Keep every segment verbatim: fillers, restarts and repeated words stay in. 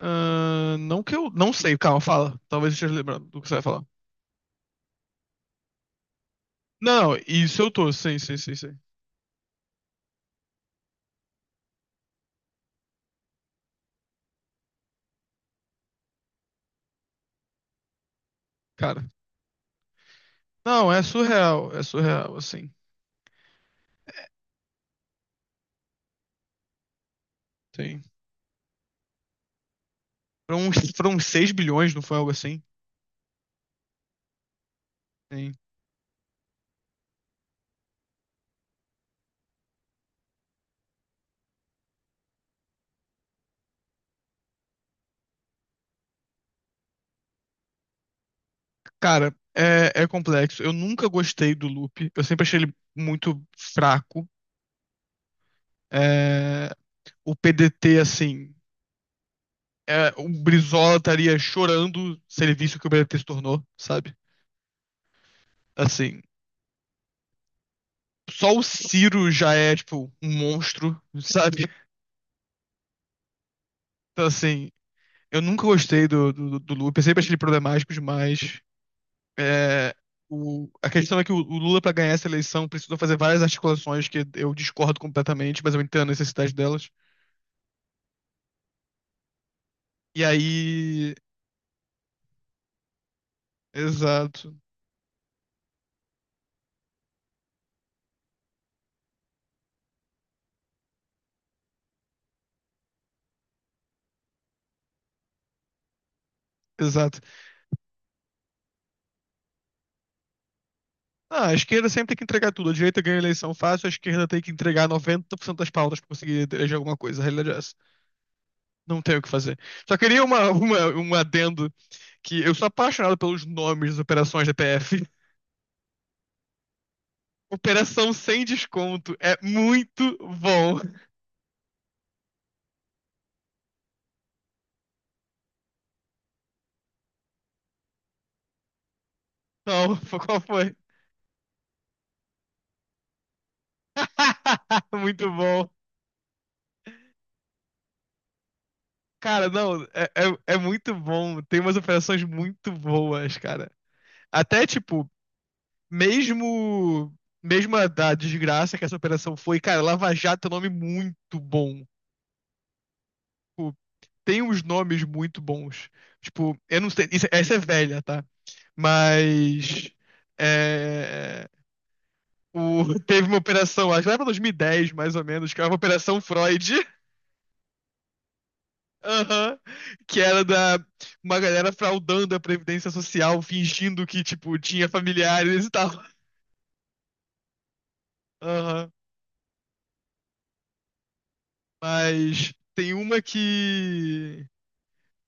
Ah, não que eu. Não sei, calma, fala. Talvez eu esteja lembrando do que você vai falar. Não, isso eu tô, sim, sim, sim, sim. Cara. Não, é surreal, é surreal, assim. Sim. Foram uns, foram uns 6 bilhões, não foi algo assim? Sim. Cara, é, é complexo. Eu nunca gostei do loop. Eu sempre achei ele muito fraco. É, o P D T, assim. É, o Brizola estaria chorando se ele visse o que o P D T se tornou, sabe? Assim. Só o Ciro já é, tipo, um monstro, sabe? Então, assim, eu nunca gostei do, do, do Lula. Eu sempre achei ele problemático demais. É, o, a questão é que o, o Lula, para ganhar essa eleição, precisou fazer várias articulações que eu discordo completamente, mas eu entendo a necessidade delas. E aí. Exato, exato. Ah, a esquerda sempre tem que entregar tudo. A direita ganha a eleição fácil, a esquerda tem que entregar noventa por cento das pautas para conseguir eleger alguma coisa. A realidade é essa. Não tem o que fazer. Só queria uma, uma, um adendo que eu sou apaixonado pelos nomes das operações da P F. Operação sem desconto é muito bom. Não, qual foi? Muito bom. Cara, não, é, é, é muito bom. Tem umas operações muito boas, cara. Até, tipo, mesmo, mesmo a da desgraça que essa operação foi, cara, Lava Jato é um nome muito bom. Tipo, tem uns nomes muito bons. Tipo, eu não sei, isso- essa é velha, tá? Mas. é, O- teve uma operação, acho que lá pra dois mil e dez, mais ou menos, que era uma Operação Freud, aham, que era da uma galera fraudando a Previdência Social, fingindo que, tipo, tinha familiares e tal. Aham. Mas tem uma que.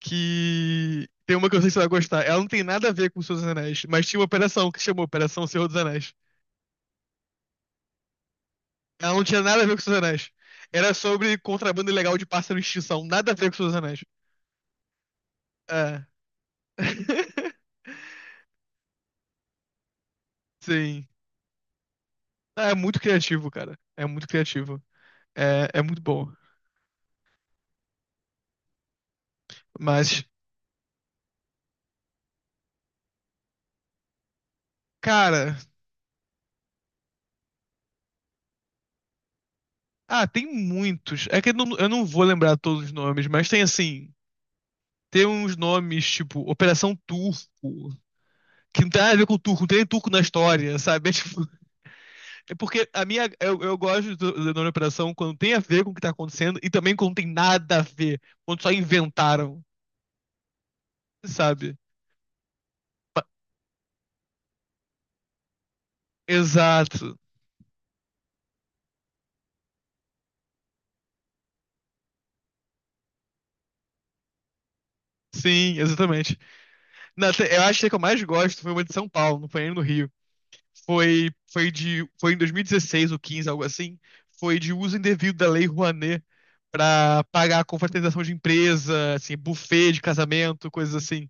Que. Tem uma que eu sei que você vai gostar. Ela não tem nada a ver com o Senhor dos Anéis, mas tinha uma operação que chamou Operação Senhor dos Anéis. Ela não tinha nada a ver com o Senhor dos Anéis. Era sobre contrabando ilegal de pássaro em extinção. Nada a ver com o Senhor dos Anéis. É. Sim. É muito criativo, cara. É muito criativo. É, é muito bom. Mas, cara. Ah, tem muitos. É que eu não, eu não vou lembrar todos os nomes, mas tem assim. Tem uns nomes tipo Operação Turco, que não tem nada a ver com turco, não tem nem turco na história, sabe? É, tipo, é porque a minha. Eu, eu gosto do, do nome Operação quando tem a ver com o que tá acontecendo e também quando tem nada a ver, quando só inventaram, sabe? Pa- Exato. Sim, exatamente. Na- eu acho que a que eu mais gosto foi uma de São Paulo, não foi nem no Rio. Foi, foi de, foi em dois mil e dezesseis ou quinze, algo assim. Foi de uso indevido da Lei Rouanet pra pagar a confraternização de empresa, assim, buffet de casamento, coisas assim.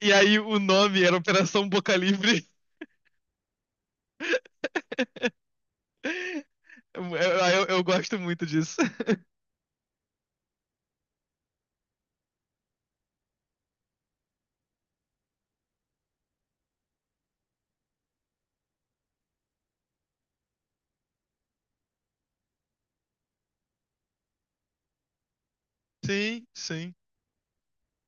E aí o nome era Operação Boca Livre. Eu, eu, eu gosto muito disso. Sim, sim.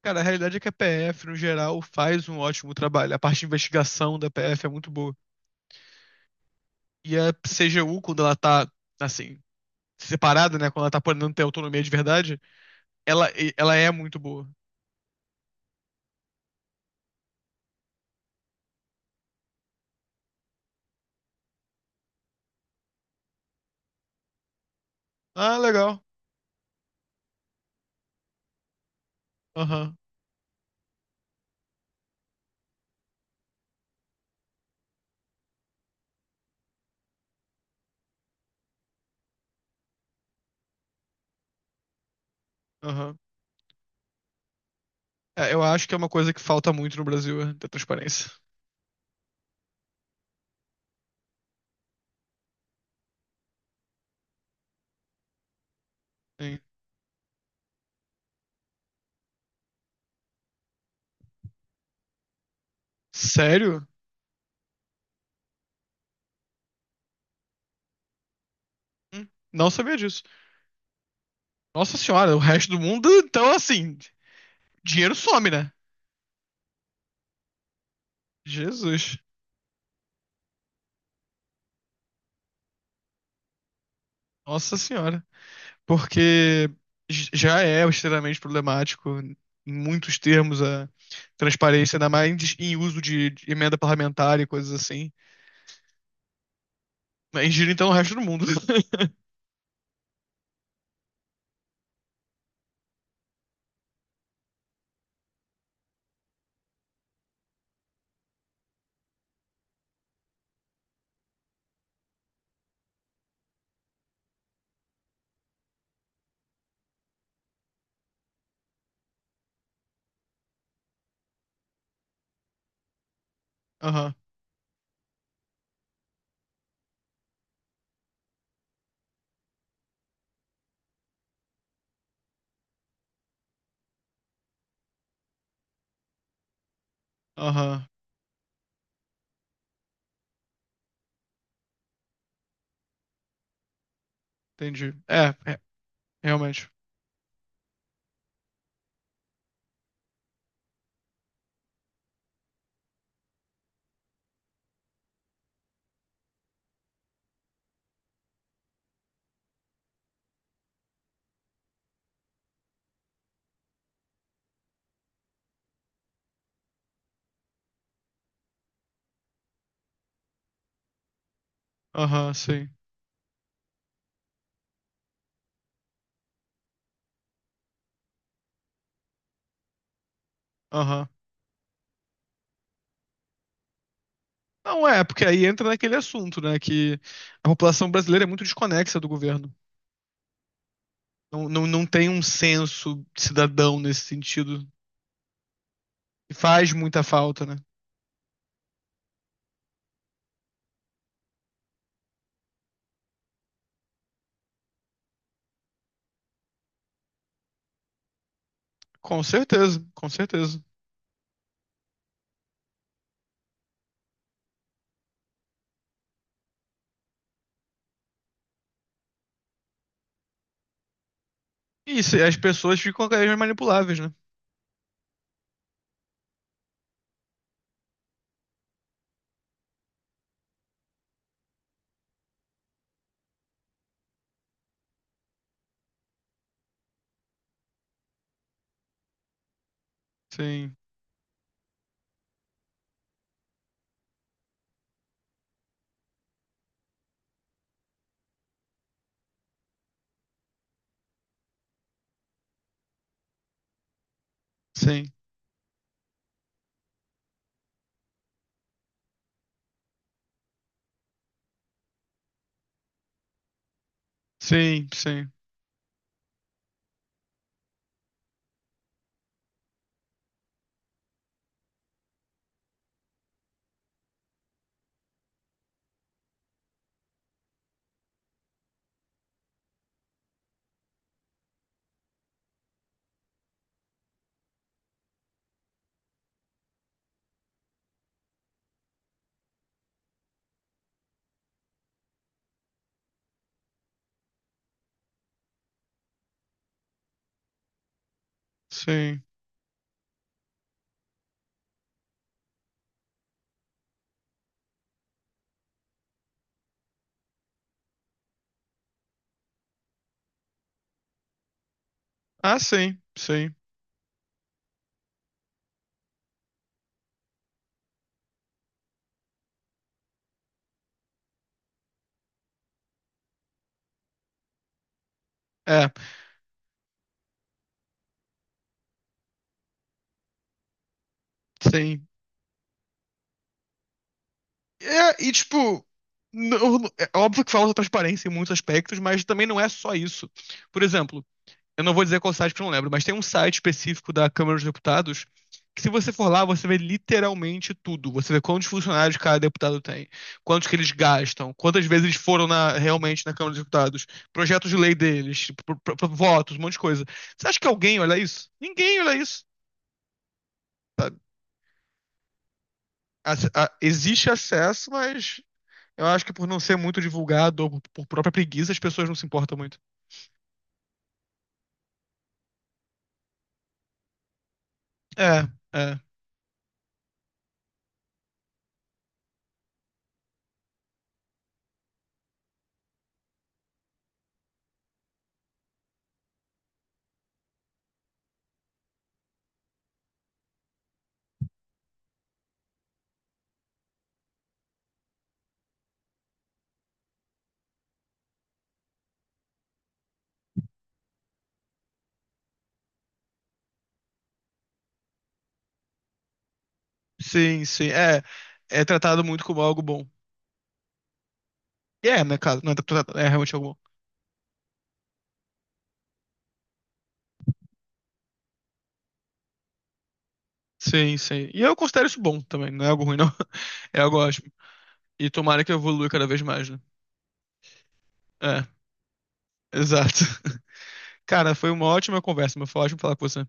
Cara, a realidade é que a P F, no geral, faz um ótimo trabalho. A parte de investigação da P F é muito boa. E a C G U, quando ela tá, assim, separada, né? Quando ela tá podendo ter autonomia de verdade, ela, ela é muito boa. Ah, legal. Aham, aham. É, eu acho que é uma coisa que falta muito no Brasil, é ter transparência. Sim. Sério? Hum, Não sabia disso. Nossa senhora, o resto do mundo, então assim, dinheiro some, né? Jesus. Nossa senhora. Porque j- já é extremamente problemático, em muitos termos, a transparência, ainda mais em uso de de emenda parlamentar e coisas assim. Mas gira então o resto do mundo. Aham, aham, entendi. É, é, realmente. Aham, sim. Aham. Não é, porque aí entra naquele assunto, né? Que a população brasileira é muito desconexa do governo. Não, não, não tem um senso cidadão nesse sentido. E faz muita falta, né? Com certeza, com certeza. E se- as pessoas ficam cada vez mais manipuláveis, né? Sim, sim, sim, sim, sim. Ah, sim, sim. É, sim. É, e tipo, não- é óbvio que falta transparência em muitos aspectos, mas também não é só isso. Por exemplo. Eu não vou dizer qual site porque eu não lembro, mas tem um site específico da Câmara dos Deputados que se você for lá, você vê literalmente tudo. Você vê quantos funcionários cada deputado tem, quantos que eles gastam, quantas vezes eles foram na- realmente na Câmara dos Deputados, projetos de lei deles, tipo, pro- pro- pro- votos, um monte de coisa. Você acha que alguém olha isso? Ninguém olha isso. Ace- a- Existe acesso, mas eu acho que por não ser muito divulgado ou por por própria preguiça, as pessoas não se importam muito. É, é. Sim, sim. É, é tratado muito como algo bom. E é, né, cara? Não é, interpretado, é realmente algo bom. Sim, sim. E eu considero isso bom também, não é algo ruim, não. É algo ótimo. E tomara que eu evolua cada vez mais, né? É, exato. Cara, foi uma ótima conversa, mas foi ótimo falar com você.